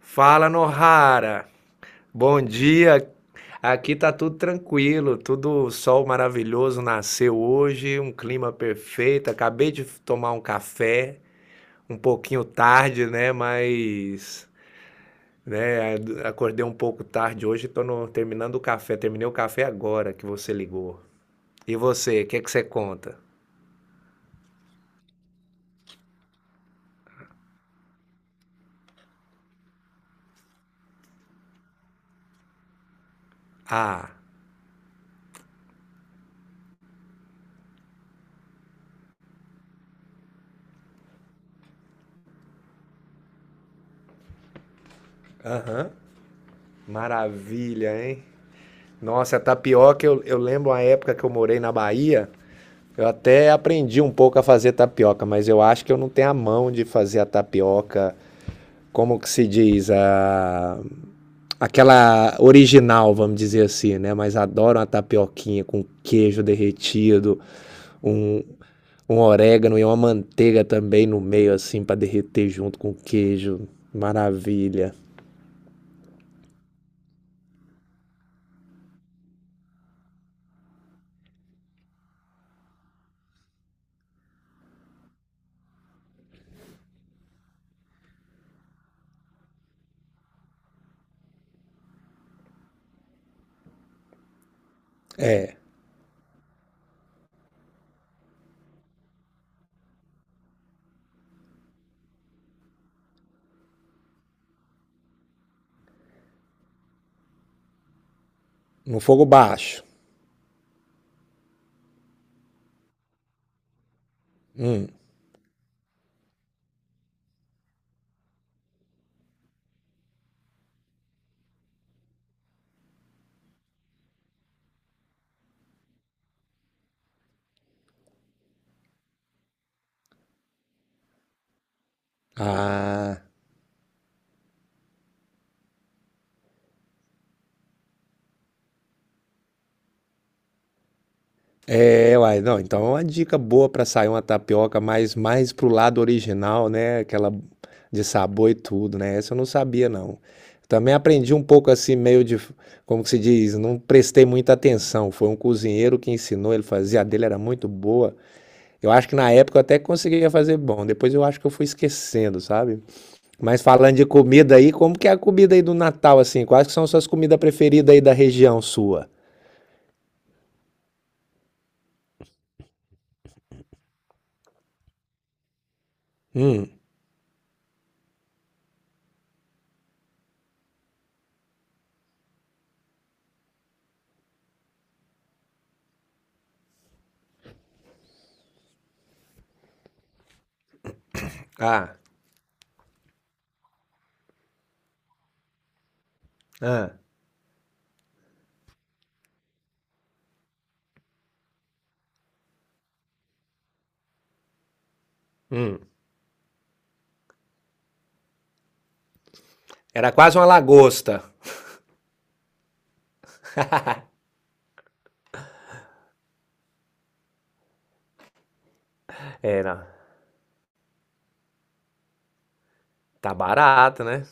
Fala, Nohara. Bom dia. Aqui tá tudo tranquilo, tudo sol maravilhoso nasceu hoje, um clima perfeito. Acabei de tomar um café, um pouquinho tarde, né? Mas, né? Acordei um pouco tarde hoje, tô no- terminando o café. Terminei o café agora que você ligou. E você, o que que você conta? Ah, aham. Maravilha, hein? Nossa, a tapioca, eu lembro uma época que eu morei na Bahia. Eu até aprendi um pouco a fazer tapioca, mas eu acho que eu não tenho a mão de fazer a tapioca, como que se diz, a aquela original, vamos dizer assim, né? Mas adoro uma tapioquinha com queijo derretido, um, um orégano e uma manteiga também no meio, assim, para derreter junto com o queijo. Maravilha. No fogo baixo. Hum. Ah, é, uai, não, então é uma dica boa para sair uma tapioca mais pro lado original, né, aquela de sabor e tudo, né, essa eu não sabia não. Também aprendi um pouco assim, meio de, como que se diz, não prestei muita atenção, foi um cozinheiro que ensinou, ele fazia, a dele era muito boa, eu acho que na época eu até conseguia fazer bom, depois eu acho que eu fui esquecendo, sabe. Mas falando de comida aí, como que é a comida aí do Natal, assim, quais que são as suas comidas preferidas aí da região sua? Hum, ah, ah. Era quase uma lagosta. Era. Tá barato, né?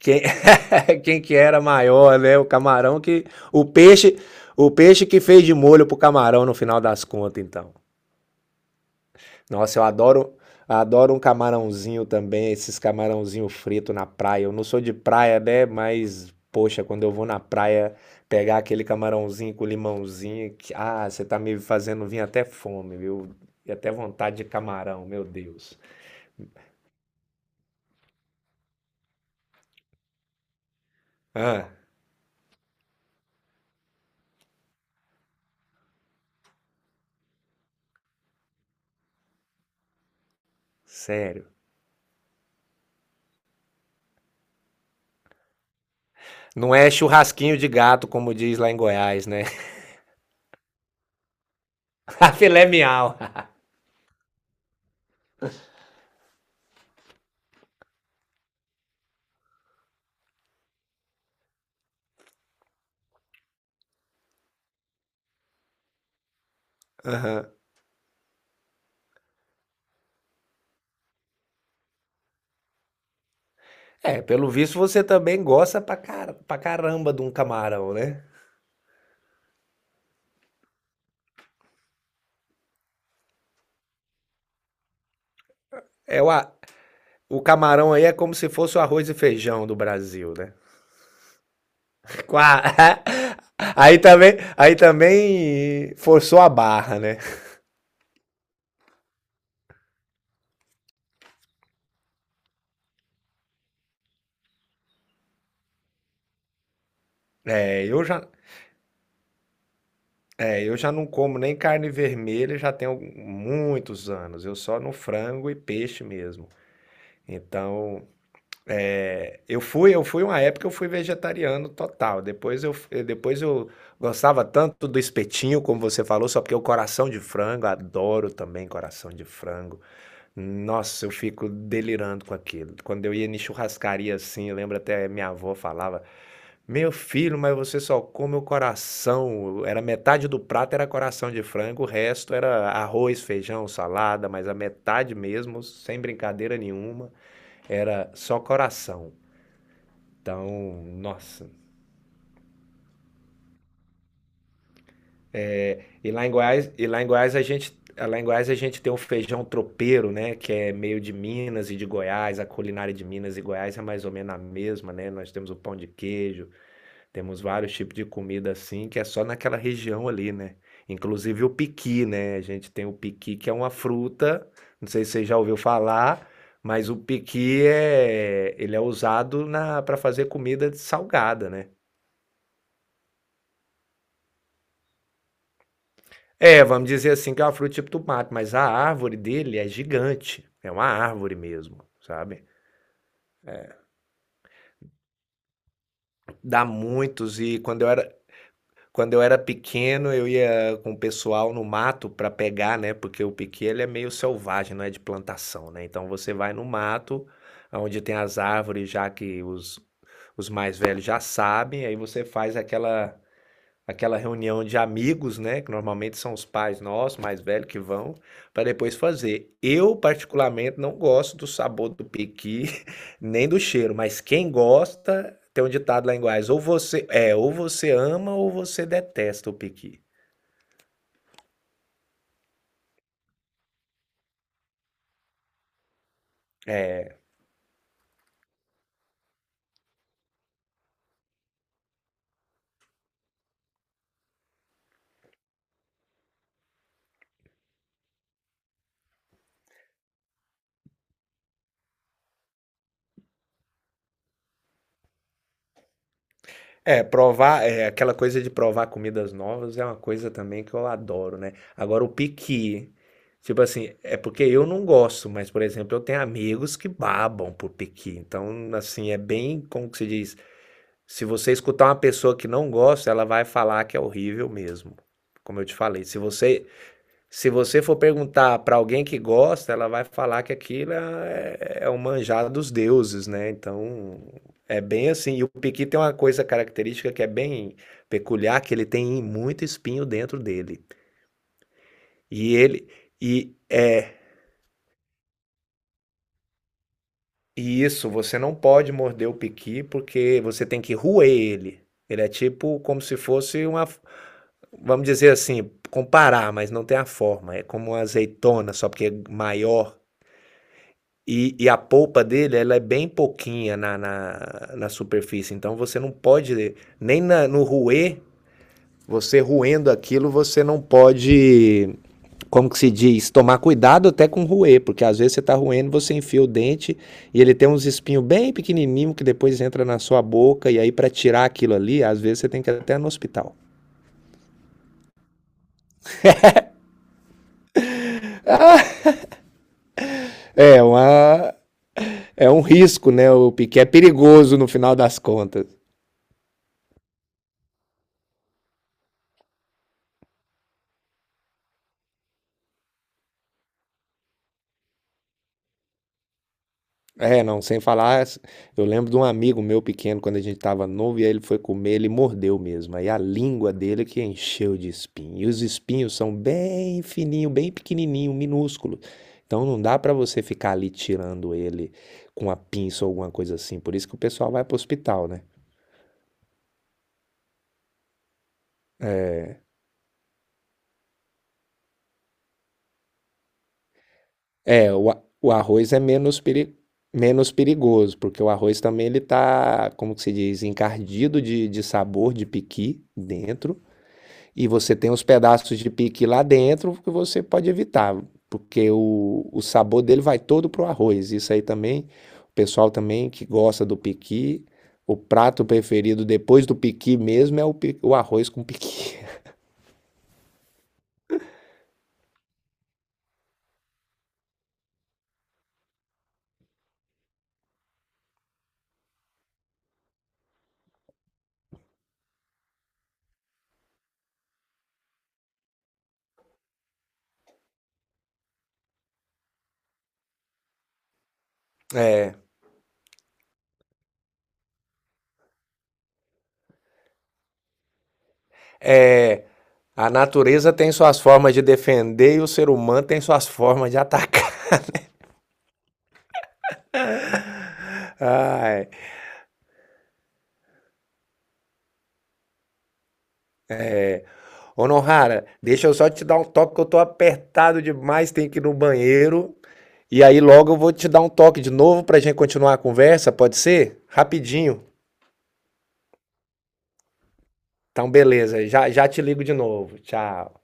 Quem, quem que era maior, né? O camarão que. O peixe. O peixe que fez de molho pro camarão no final das contas, então. Nossa, eu adoro. Adoro um camarãozinho também, esses camarãozinho frito na praia. Eu não sou de praia, né? Mas, poxa, quando eu vou na praia pegar aquele camarãozinho com limãozinho, que, ah, você tá me fazendo vir até fome, viu? E até vontade de camarão, meu Deus. Ah, sério. Não é churrasquinho de gato, como diz lá em Goiás, né? A filé miau. É, pelo visto você também gosta pra caramba de um camarão, né? É o, a- o camarão aí é como se fosse o arroz e feijão do Brasil, né? Com a aí também, aí também forçou a barra, né? É, eu já, é, eu já não como nem carne vermelha já tenho muitos anos. Eu só no frango e peixe mesmo. Então, é, eu fui uma época eu fui vegetariano total. Depois eu, depois eu gostava tanto do espetinho, como você falou, só porque o coração de frango, adoro também coração de frango. Nossa, eu fico delirando com aquilo. Quando eu ia em churrascaria assim, eu lembro até minha avó falava: "Meu filho, mas você só come o coração". Era metade do prato era coração de frango, o resto era arroz, feijão, salada, mas a metade mesmo, sem brincadeira nenhuma, era só coração. Então, nossa. E lá em Goiás, lá em Goiás a gente tem o feijão tropeiro, né, que é meio de Minas e de Goiás, a culinária de Minas e Goiás é mais ou menos a mesma, né? Nós temos o pão de queijo, temos vários tipos de comida assim, que é só naquela região ali, né? Inclusive o piqui, né? A gente tem o piqui que é uma fruta, não sei se você já ouviu falar, mas o piqui é, ele é usado na para fazer comida salgada, né? É, vamos dizer assim que é uma fruta tipo tomate, mas a árvore dele é gigante, é uma árvore mesmo, sabe. Dá muitos e quando eu era pequeno eu ia com o pessoal no mato para pegar, né, porque o piqui ele é meio selvagem, não é de plantação, né, então você vai no mato, aonde tem as árvores já que os mais velhos já sabem, aí você faz aquela reunião de amigos, né? Que normalmente são os pais nossos, mais velhos, que vão, para depois fazer. Eu, particularmente, não gosto do sabor do pequi, nem do cheiro, mas quem gosta, tem um ditado lá em Goiás, ou você ama ou você detesta o pequi. É, provar, é, aquela coisa de provar comidas novas é uma coisa também que eu adoro, né? Agora, o piqui, tipo assim, é porque eu não gosto, mas, por exemplo, eu tenho amigos que babam por piqui. Então, assim, é bem, como que se diz? Se você escutar uma pessoa que não gosta, ela vai falar que é horrível mesmo. Como eu te falei, se você for perguntar para alguém que gosta, ela vai falar que aquilo é, é o manjar dos deuses, né? Então, é bem assim. E o piqui tem uma coisa característica que é bem peculiar, que ele tem muito espinho dentro dele. E ele e é e isso, você não pode morder o piqui porque você tem que roer ele. Ele é tipo como se fosse uma vamos dizer assim, comparar, mas não tem a forma. É como uma azeitona, só porque é maior. E a polpa dele, ela é bem pouquinha na superfície. Então você não pode, nem na- no ruê, você ruendo aquilo, você não pode, como que se diz, tomar cuidado até com ruê, porque às vezes você está ruendo, você enfia o dente e ele tem uns espinhos bem pequenininhos que depois entra na sua boca. E aí, para tirar aquilo ali, às vezes você tem que ir até no hospital. Ah, é, uma, é um risco, né? O Piquet é perigoso no final das contas. É, não, sem falar, eu lembro de um amigo meu pequeno, quando a gente tava novo, e aí ele foi comer, ele mordeu mesmo. Aí a língua dele que encheu de espinho. E os espinhos são bem fininho, bem pequenininho, minúsculo. Então não dá para você ficar ali tirando ele com a pinça ou alguma coisa assim. Por isso que o pessoal vai pro hospital, né? O arroz é menos perigoso, porque o arroz também ele tá, como que se diz, encardido de sabor de piqui dentro, e você tem os pedaços de piqui lá dentro que você pode evitar, porque o sabor dele vai todo pro arroz. Isso aí também, o pessoal também que gosta do piqui, o prato preferido depois do piqui mesmo é o arroz com piqui. É, é, A natureza tem suas formas de defender e o ser humano tem suas formas de atacar. Ai. Honorara, deixa eu só te dar um toque que eu tô apertado demais, tenho que ir no banheiro. E aí logo eu vou te dar um toque de novo pra gente continuar a conversa, pode ser? Rapidinho. Então beleza, já te ligo de novo. Tchau.